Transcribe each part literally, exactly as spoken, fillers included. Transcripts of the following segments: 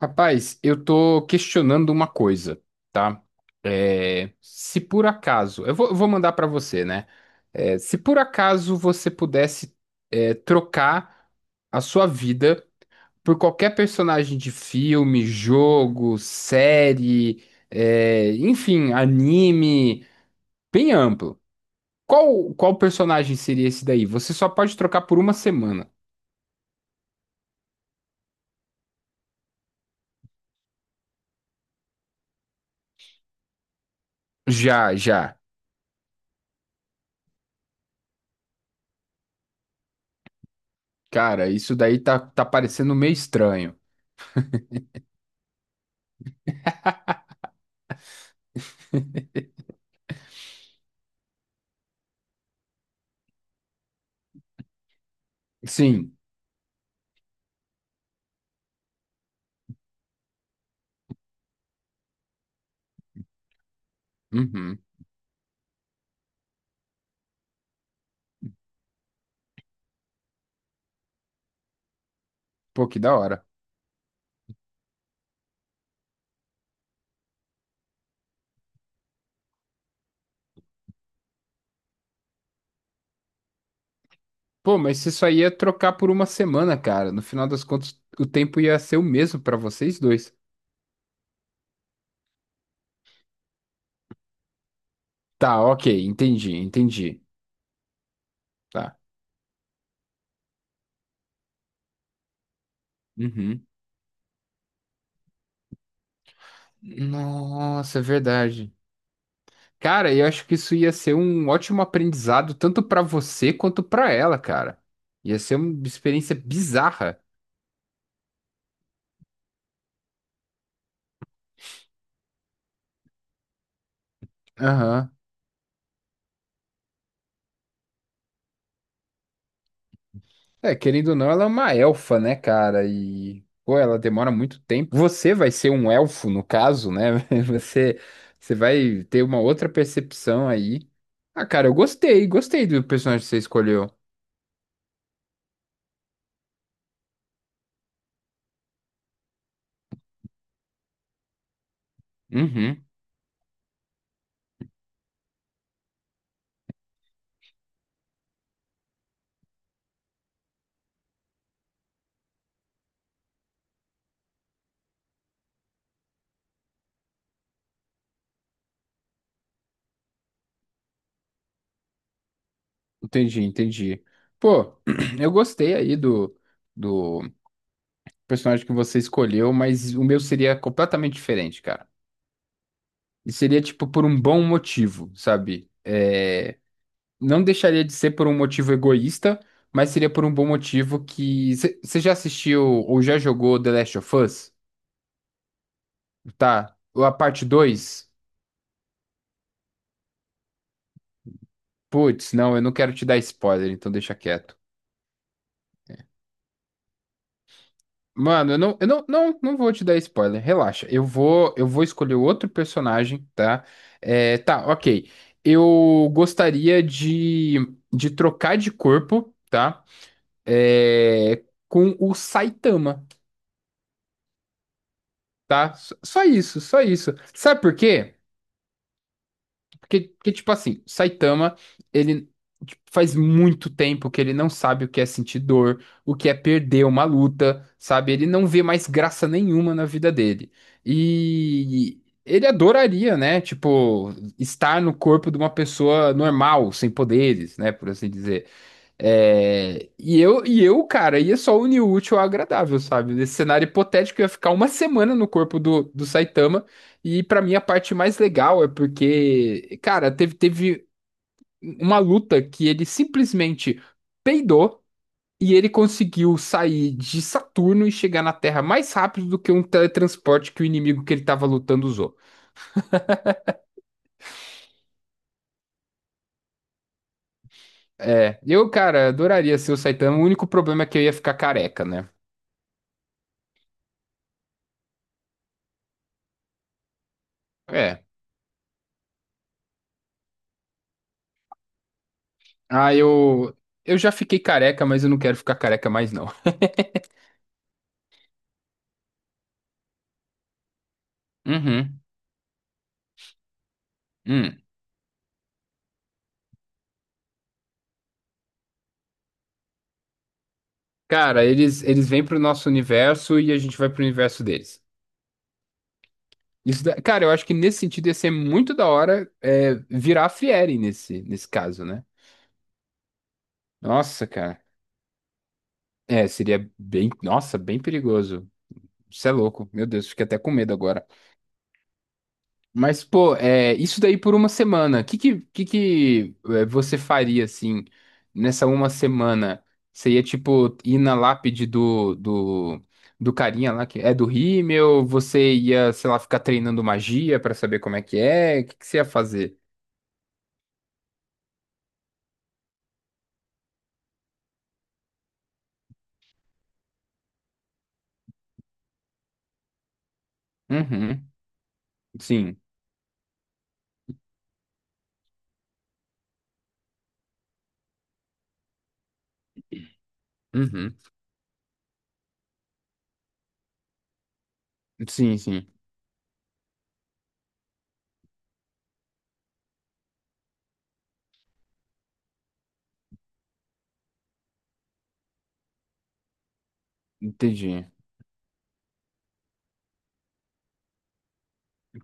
Rapaz, eu tô questionando uma coisa, tá? É, se por acaso, eu vou, eu vou mandar pra você, né? É, se por acaso você pudesse, é, trocar a sua vida por qualquer personagem de filme, jogo, série, é, enfim, anime, bem amplo. Qual, qual personagem seria esse daí? Você só pode trocar por uma semana. Já, já. Cara, isso daí tá, tá parecendo meio estranho. Sim. Uhum. Pô, que da hora. Pô, mas você só ia trocar por uma semana, cara. No final das contas, o tempo ia ser o mesmo pra vocês dois. Tá, ok, entendi, entendi. Tá. Uhum. Nossa, é verdade. Cara, eu acho que isso ia ser um ótimo aprendizado, tanto pra você quanto pra ela, cara. Ia ser uma experiência bizarra. Aham. É, querendo ou não, ela é uma elfa, né, cara? E, pô, ela demora muito tempo. Você vai ser um elfo, no caso, né? Você, você vai ter uma outra percepção aí. Ah, cara, eu gostei, gostei do personagem que você escolheu. Uhum, entendi, entendi. Pô, eu gostei aí do, do personagem que você escolheu, mas o meu seria completamente diferente, cara. E seria, tipo, por um bom motivo, sabe? É. Não deixaria de ser por um motivo egoísta, mas seria por um bom motivo que. Você já assistiu ou já jogou The Last of Us? Tá. A parte dois. Putz, não, eu não quero te dar spoiler, então deixa quieto. Mano, eu não, eu não, não, não vou te dar spoiler, relaxa. Eu vou, eu vou escolher outro personagem, tá? É, tá, ok. Eu gostaria de, de trocar de corpo, tá? É, com o Saitama. Tá? S- Só isso, só isso. Sabe por quê? Porque, porque, tipo assim, Saitama, ele tipo, faz muito tempo que ele não sabe o que é sentir dor, o que é perder uma luta, sabe? Ele não vê mais graça nenhuma na vida dele. E ele adoraria, né? Tipo, estar no corpo de uma pessoa normal, sem poderes, né? Por assim dizer. É, e eu, e eu, cara, ia só unir o útil ao agradável, sabe? Nesse cenário hipotético, eu ia ficar uma semana no corpo do, do Saitama. E pra mim, a parte mais legal é porque, cara, teve, teve uma luta que ele simplesmente peidou e ele conseguiu sair de Saturno e chegar na Terra mais rápido do que um teletransporte que o inimigo que ele tava lutando usou. É, eu, cara, adoraria ser o Saitama. O único problema é que eu ia ficar careca, né? É. Ah, eu. Eu já fiquei careca, mas eu não quero ficar careca mais, não. Uhum. Hum. Cara, eles, eles, vêm pro nosso universo e a gente vai pro universo deles. Isso da- Cara, eu acho que nesse sentido ia ser muito da hora é, virar a Fieri nesse, nesse caso, né? Nossa, cara. É, seria bem. Nossa, bem perigoso. Isso é louco. Meu Deus, fiquei até com medo agora. Mas, pô, é, isso daí por uma semana. O que que, que, que é, você faria, assim, nessa uma semana? Você ia, tipo, ir na lápide do, do, do carinha lá, que é do Rímel? Você ia, sei lá, ficar treinando magia pra saber como é que é? O que que você ia fazer? Uhum, sim. Uhum. Sim, sim. Entendi.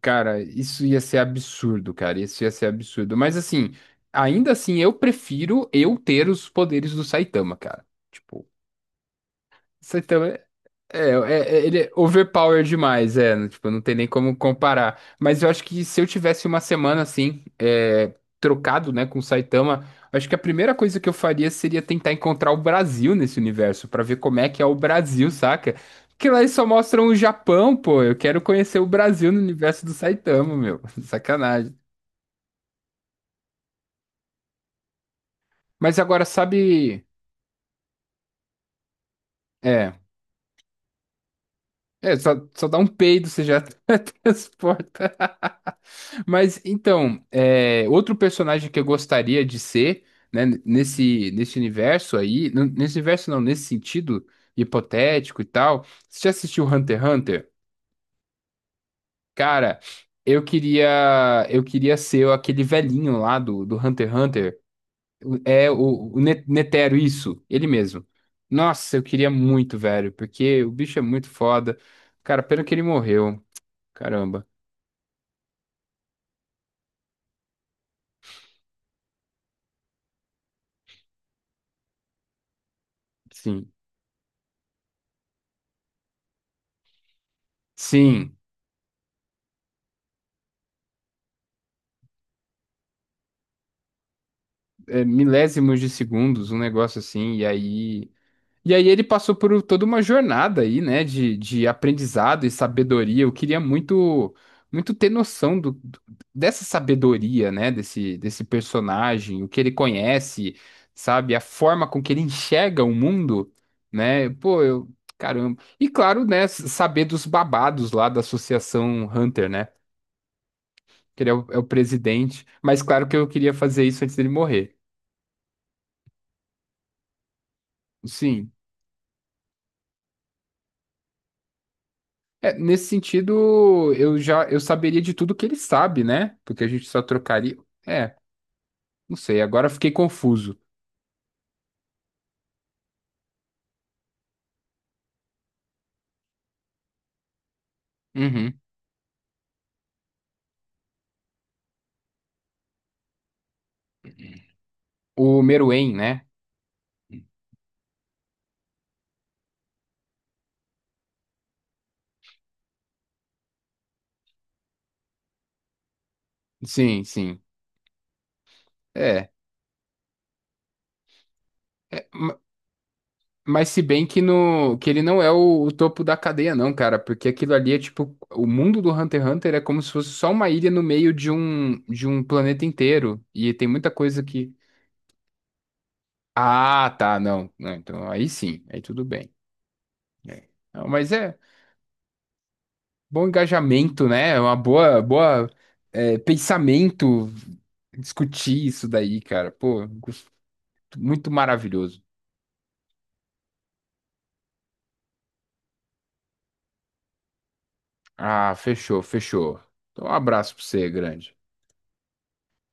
Cara, isso ia ser absurdo, cara. Isso ia ser absurdo. Mas, assim, ainda assim, eu prefiro eu ter os poderes do Saitama, cara. Tipo. Você também. É, é, é- ele é overpower demais, é, não- tipo, não tem nem como comparar. Mas eu acho que se eu tivesse uma semana assim, é, trocado, né, com o Saitama, acho que a primeira coisa que eu faria seria tentar encontrar o Brasil nesse universo, pra ver como é que é o Brasil, saca? Porque lá eles só mostram o Japão, pô. Eu quero conhecer o Brasil no universo do Saitama, meu. Sacanagem. Mas agora, sabe. É, é, só, só dá um peido, você já transporta. Mas então, é, outro personagem que eu gostaria de ser, né, nesse, nesse, universo aí, n- nesse universo não, nesse sentido hipotético e tal. Você já assistiu Hunter x Hunter? Cara, eu queria eu queria ser aquele velhinho lá do, do Hunter x Hunter. É o, o Ne- Netero, isso, ele mesmo. Nossa, eu queria muito, velho, porque o bicho é muito foda. Cara, pena que ele morreu. Caramba. Sim. Sim. É, milésimos de segundos, um negócio assim, e aí. E aí ele passou por toda uma jornada aí, né, de, de aprendizado e sabedoria. Eu queria muito muito ter noção do, do- dessa sabedoria, né, desse, desse personagem, o que ele conhece, sabe, a forma com que ele enxerga o mundo, né? Pô, eu, caramba. E claro, né, s- saber dos babados lá da Associação Hunter, né? Que ele é o, é o presidente, mas claro que eu queria fazer isso antes dele morrer. Sim. É, nesse sentido, eu já eu saberia de tudo que ele sabe, né? Porque a gente só trocaria. É, não sei, agora fiquei confuso. Uhum. O Meruem, né? Sim, sim. É. é, ma- mas se bem que, no, que ele não é o, o topo da cadeia, não, cara. Porque aquilo ali é tipo. O mundo do Hunter x Hunter é como se fosse só uma ilha no meio de um, de um planeta inteiro. E tem muita coisa que. Ah, tá, não. Não, então aí sim, aí tudo bem. É. Não, mas é. Bom engajamento, né? É uma boa, boa, é, pensamento discutir isso daí, cara. Pô, gost- muito maravilhoso. Ah, fechou, fechou. Então, um abraço pra você, grande.